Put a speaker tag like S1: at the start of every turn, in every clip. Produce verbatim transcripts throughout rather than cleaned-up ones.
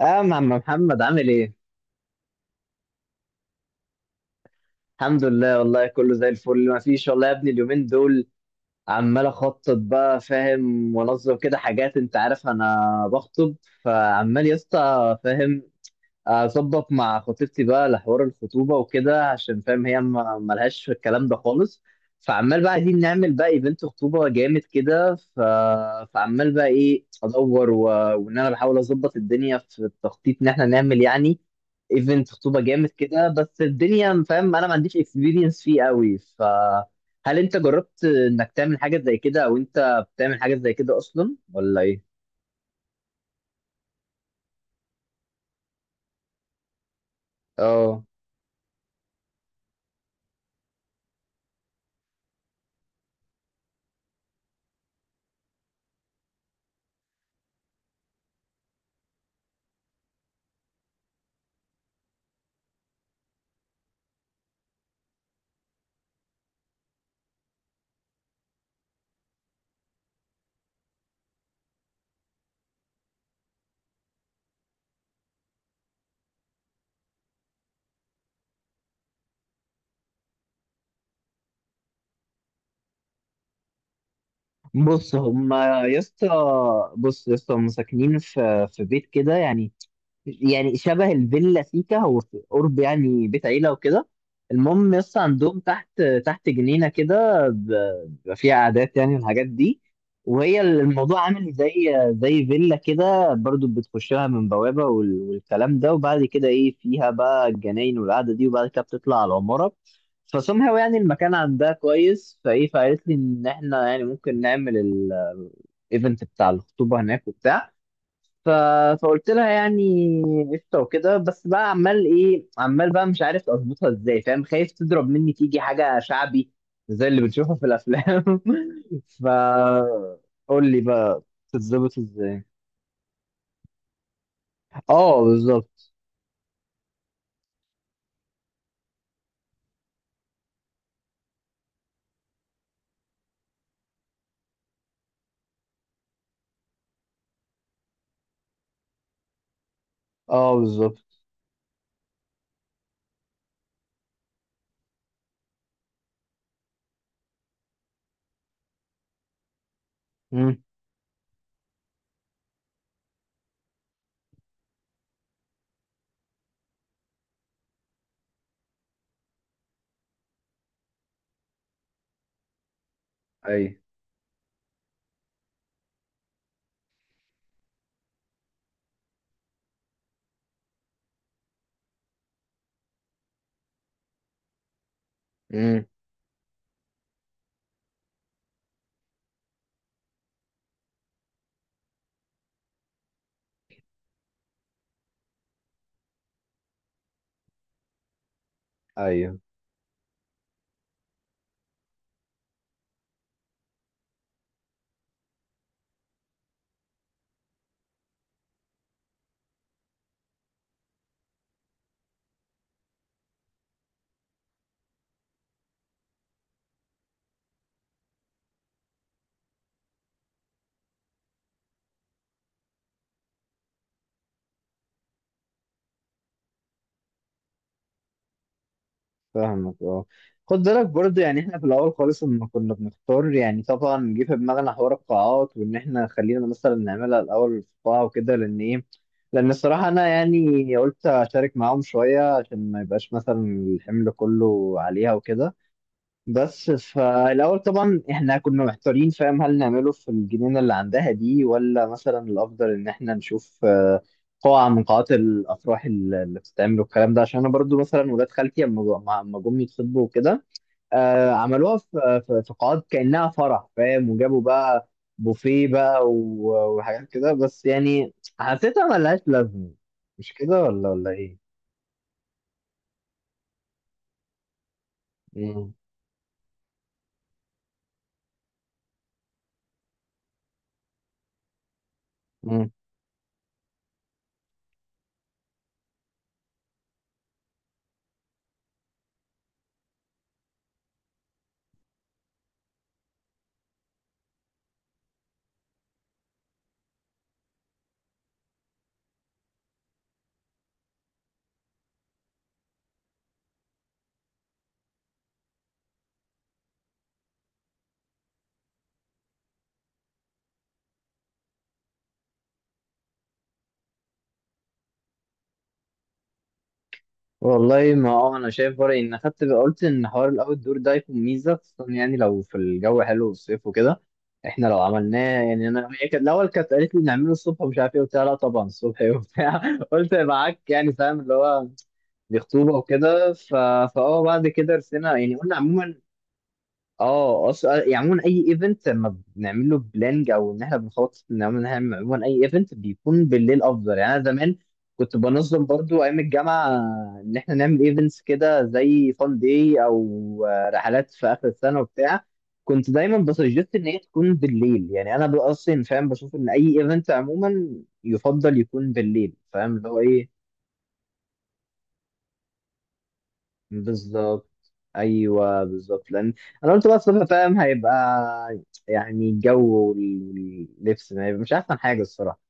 S1: اه يا عم محمد، عامل ايه؟ الحمد لله، والله كله زي الفل. ما فيش والله يا ابني اليومين دول. عمال اخطط بقى، فاهم، وانظم كده حاجات. انت عارف انا بخطب، فعمال يا اسطى، فاهم، اظبط مع خطيبتي بقى لحوار الخطوبه وكده، عشان فاهم هي ما- ملهاش في الكلام ده خالص. فعمال بقى عايزين نعمل بقى ايفنت خطوبه جامد كده ف... فعمال بقى ايه ادور و... وان انا بحاول اظبط الدنيا في التخطيط ان احنا نعمل يعني ايفنت خطوبه جامد كده، بس الدنيا فاهم انا ما عنديش اكسبيرينس فيه قوي. فهل انت جربت انك تعمل حاجه زي كده، او انت بتعمل حاجه زي كده اصلا، ولا ايه؟ اه بص هما يا اسطى، بص يا اسطى هما ساكنين في في بيت كده يعني. يعني شبه الفيلا سيكا، هو في قرب يعني بيت عيلة وكده. المهم يس عندهم تحت تحت جنينة كده، ب- بيبقى فيها قعدات يعني والحاجات دي. وهي الموضوع عامل زي زي فيلا كده برضو، بتخش لها من بوابة وال- والكلام ده، وبعد كده ايه، فيها بقى الجناين والقعدة دي، وبعد كده بتطلع على العمارة. فسمها يعني المكان عندها كويس، فايه، فقالت لي ان احنا يعني ممكن نعمل الايفنت بتاع الخطوبة هناك وبتاع ف... فقلت لها يعني قشطه وكده. بس بقى عمال ايه، عمال بقى مش عارف اظبطها ازاي، فاهم، خايف تضرب مني تيجي حاجه شعبي زي اللي بنشوفها في الافلام. ف قول لي بقى تتظبط ازاي. اه بالظبط. اه بالظبط. امم، اي، امم، ايوه. فاهمك اه. خد بالك برضه، يعني احنا في الاول خالص لما كنا بنختار، يعني طبعا جه في دماغنا حوار القاعات، وان احنا خلينا مثلا نعملها الاول في قاعه وكده، لان ايه، لان الصراحه انا يعني قلت اشارك معاهم شويه عشان ما يبقاش مثلا الحمل كله عليها وكده. بس فالاول طبعا احنا كنا محتارين، فاهم، هل نعمله في الجنينه اللي عندها دي، ولا مثلا الافضل ان احنا نشوف آه، قاعه من قاعات الافراح اللي اللي بتتعمل والكلام ده. عشان انا برضو مثلا ولاد خالتي اما أما جم يتخطبوا وكده، آه، عملوها في في في قاعات كانها فرح، فاهم، وجابوا بقى بوفيه بقى و- وحاجات كده. بس يعني حسيتها ملهاش لازمه، مش كده ولا ولا ايه؟ مم. والله ما اه انا شايف برأيي ان خدت قلت ان حوار الاوت دور ده يكون ميزه، خصوصا يعني لو في الجو حلو والصيف وكده. احنا لو عملناه يعني انا، هي كانت الاول كانت قالت لي نعمله الصبح ومش عارف ايه وبتاع، لا طبعا الصبح ايه وبتاع. قلت معاك يعني فاهم اللي هو دي خطوبه وكده ف... فاه بعد كده رسينا يعني قلنا عموما اه. اصلا يعني عموما اي ايفنت لما بنعمل له بلانج او ان احنا بنخطط ان احنا نعمل، عموما اي ايفنت بيكون بالليل افضل يعني. انا زمان كنت بنظم برضو ايام الجامعه ان احنا نعمل ايفنتس كده زي فان داي او آه، رحلات في اخر السنه وبتاع، كنت دايما بسجست ان هي تكون بالليل. يعني انا بقى اصلا فاهم بشوف ان اي ايفنت عموما يفضل يكون بالليل، فاهم اللي هو ايه. بالظبط. ايوه بالظبط، لان انا قلت بقى صبح فاهم هيبقى يعني الجو واللبس ما هيبقى مش احسن حاجه الصراحه.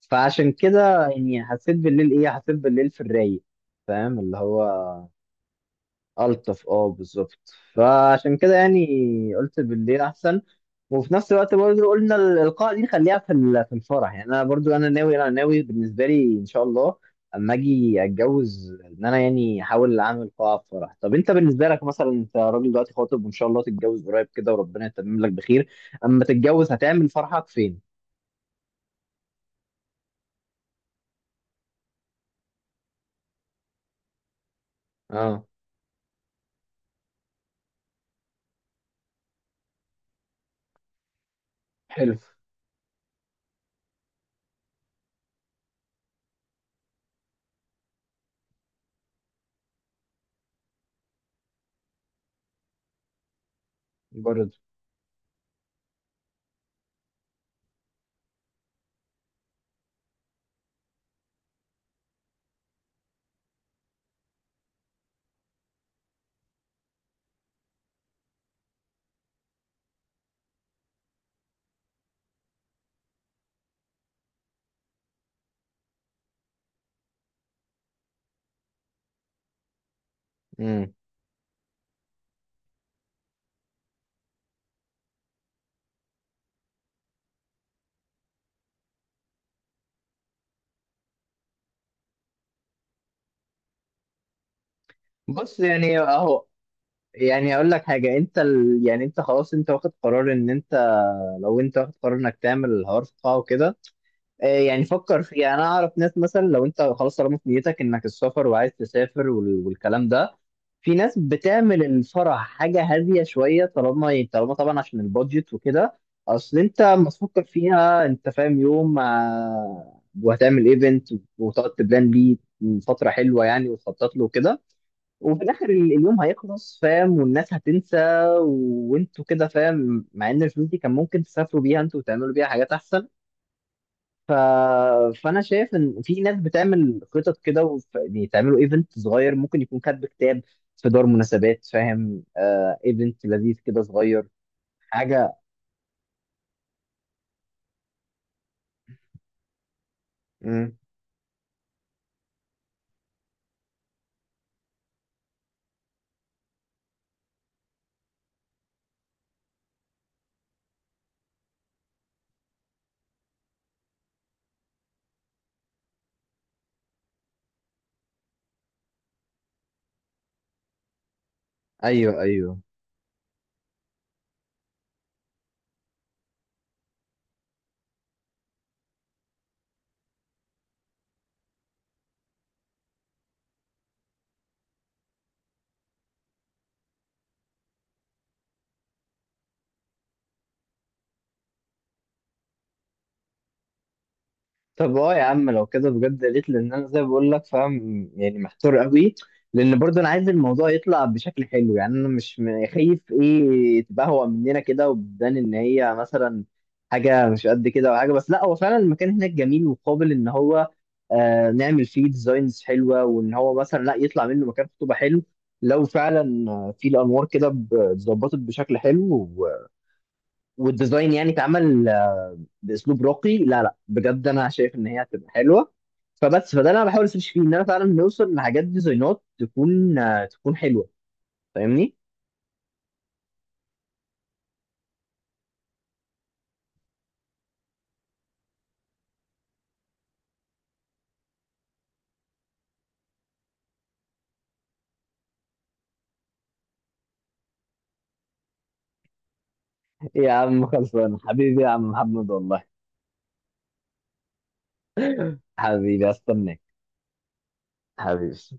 S1: فعشان كده يعني حسيت بالليل ايه، حسيت بالليل في الرايق، فاهم اللي هو الطف. اه بالظبط. فعشان كده يعني قلت بالليل احسن. وفي نفس الوقت برضه قلنا الإلقاء دي نخليها في ال- في الفرح يعني. أنا برضه أنا ناوي أنا ناوي بالنسبة لي إن شاء الله أما أجي أتجوز، إن أنا يعني أحاول أعمل قاعة في فرح. طب أنت بالنسبة لك مثلا، أنت راجل دلوقتي خاطب وإن شاء الله تتجوز قريب كده وربنا يتمم لك بخير، أما تتجوز هتعمل فرحك فين؟ أه حلو برضه. امم، بص يعني أهو، يعني أقول لك حاجة، أنت ال... يعني أنت خلاص أنت واخد قرار إن أنت، لو أنت واخد قرار إنك تعمل الحوار في قاعة وكده، آه، يعني فكر فيها. انا اعرف ناس مثلا، لو انت خلاص طالما في نيتك انك السفر وعايز تسافر وال- والكلام ده، في ناس بتعمل الفرح حاجه هاديه شويه، طالما طالما طبعا عشان البادجت وكده. اصل انت لما تفكر فيها انت فاهم يوم آه، وهتعمل ايفنت وتقعد تبلان بيه فتره حلوه يعني، وتخطط له وكده، وفي الاخر ال- اليوم هيخلص، فاهم، والناس هتنسى، وانتوا كده فاهم، مع ان الفلوس دي كان ممكن تسافروا بيها انتوا وتعملوا بيها حاجات احسن. ف... فانا شايف ان في ناس بتعمل خطط كده وف... يعني تعملوا ايفنت صغير، ممكن يكون كاتب كتاب في دار مناسبات، فاهم، آه ايفنت لذيذ كده صغير. حاجه. مم. ايوه ايوه. طب اه يا عم لو كده بجد يا ريت، لان انا زي ما بقول لك فاهم يعني محتار قوي. لان برضه انا عايز الموضوع يطلع بشكل حلو، يعني انا مش م- خايف ايه تبهوأ مننا كده وبتبان ان هي مثلا حاجه مش قد كده، او حاجه، بس لا هو فعلا المكان هناك جميل وقابل ان هو آه نعمل فيه ديزاينز حلوه، وان هو مثلا لا يطلع منه مكان خطوبه حلو. لو فعلا آه، في الانوار كده ب- اتظبطت بشكل حلو و- والديزاين يعني اتعمل باسلوب راقي، لا لا بجد انا شايف ان هي هتبقى حلوه. فبس فده اللي انا بحاول اسيرش فيه، ان انا فعلا نوصل لحاجات ديزاينات تكون آه، تكون حلوه. فاهمني. يا عم خلصانه حبيبي يا عم محمد والله. حبيبي، استناك. حبيبي.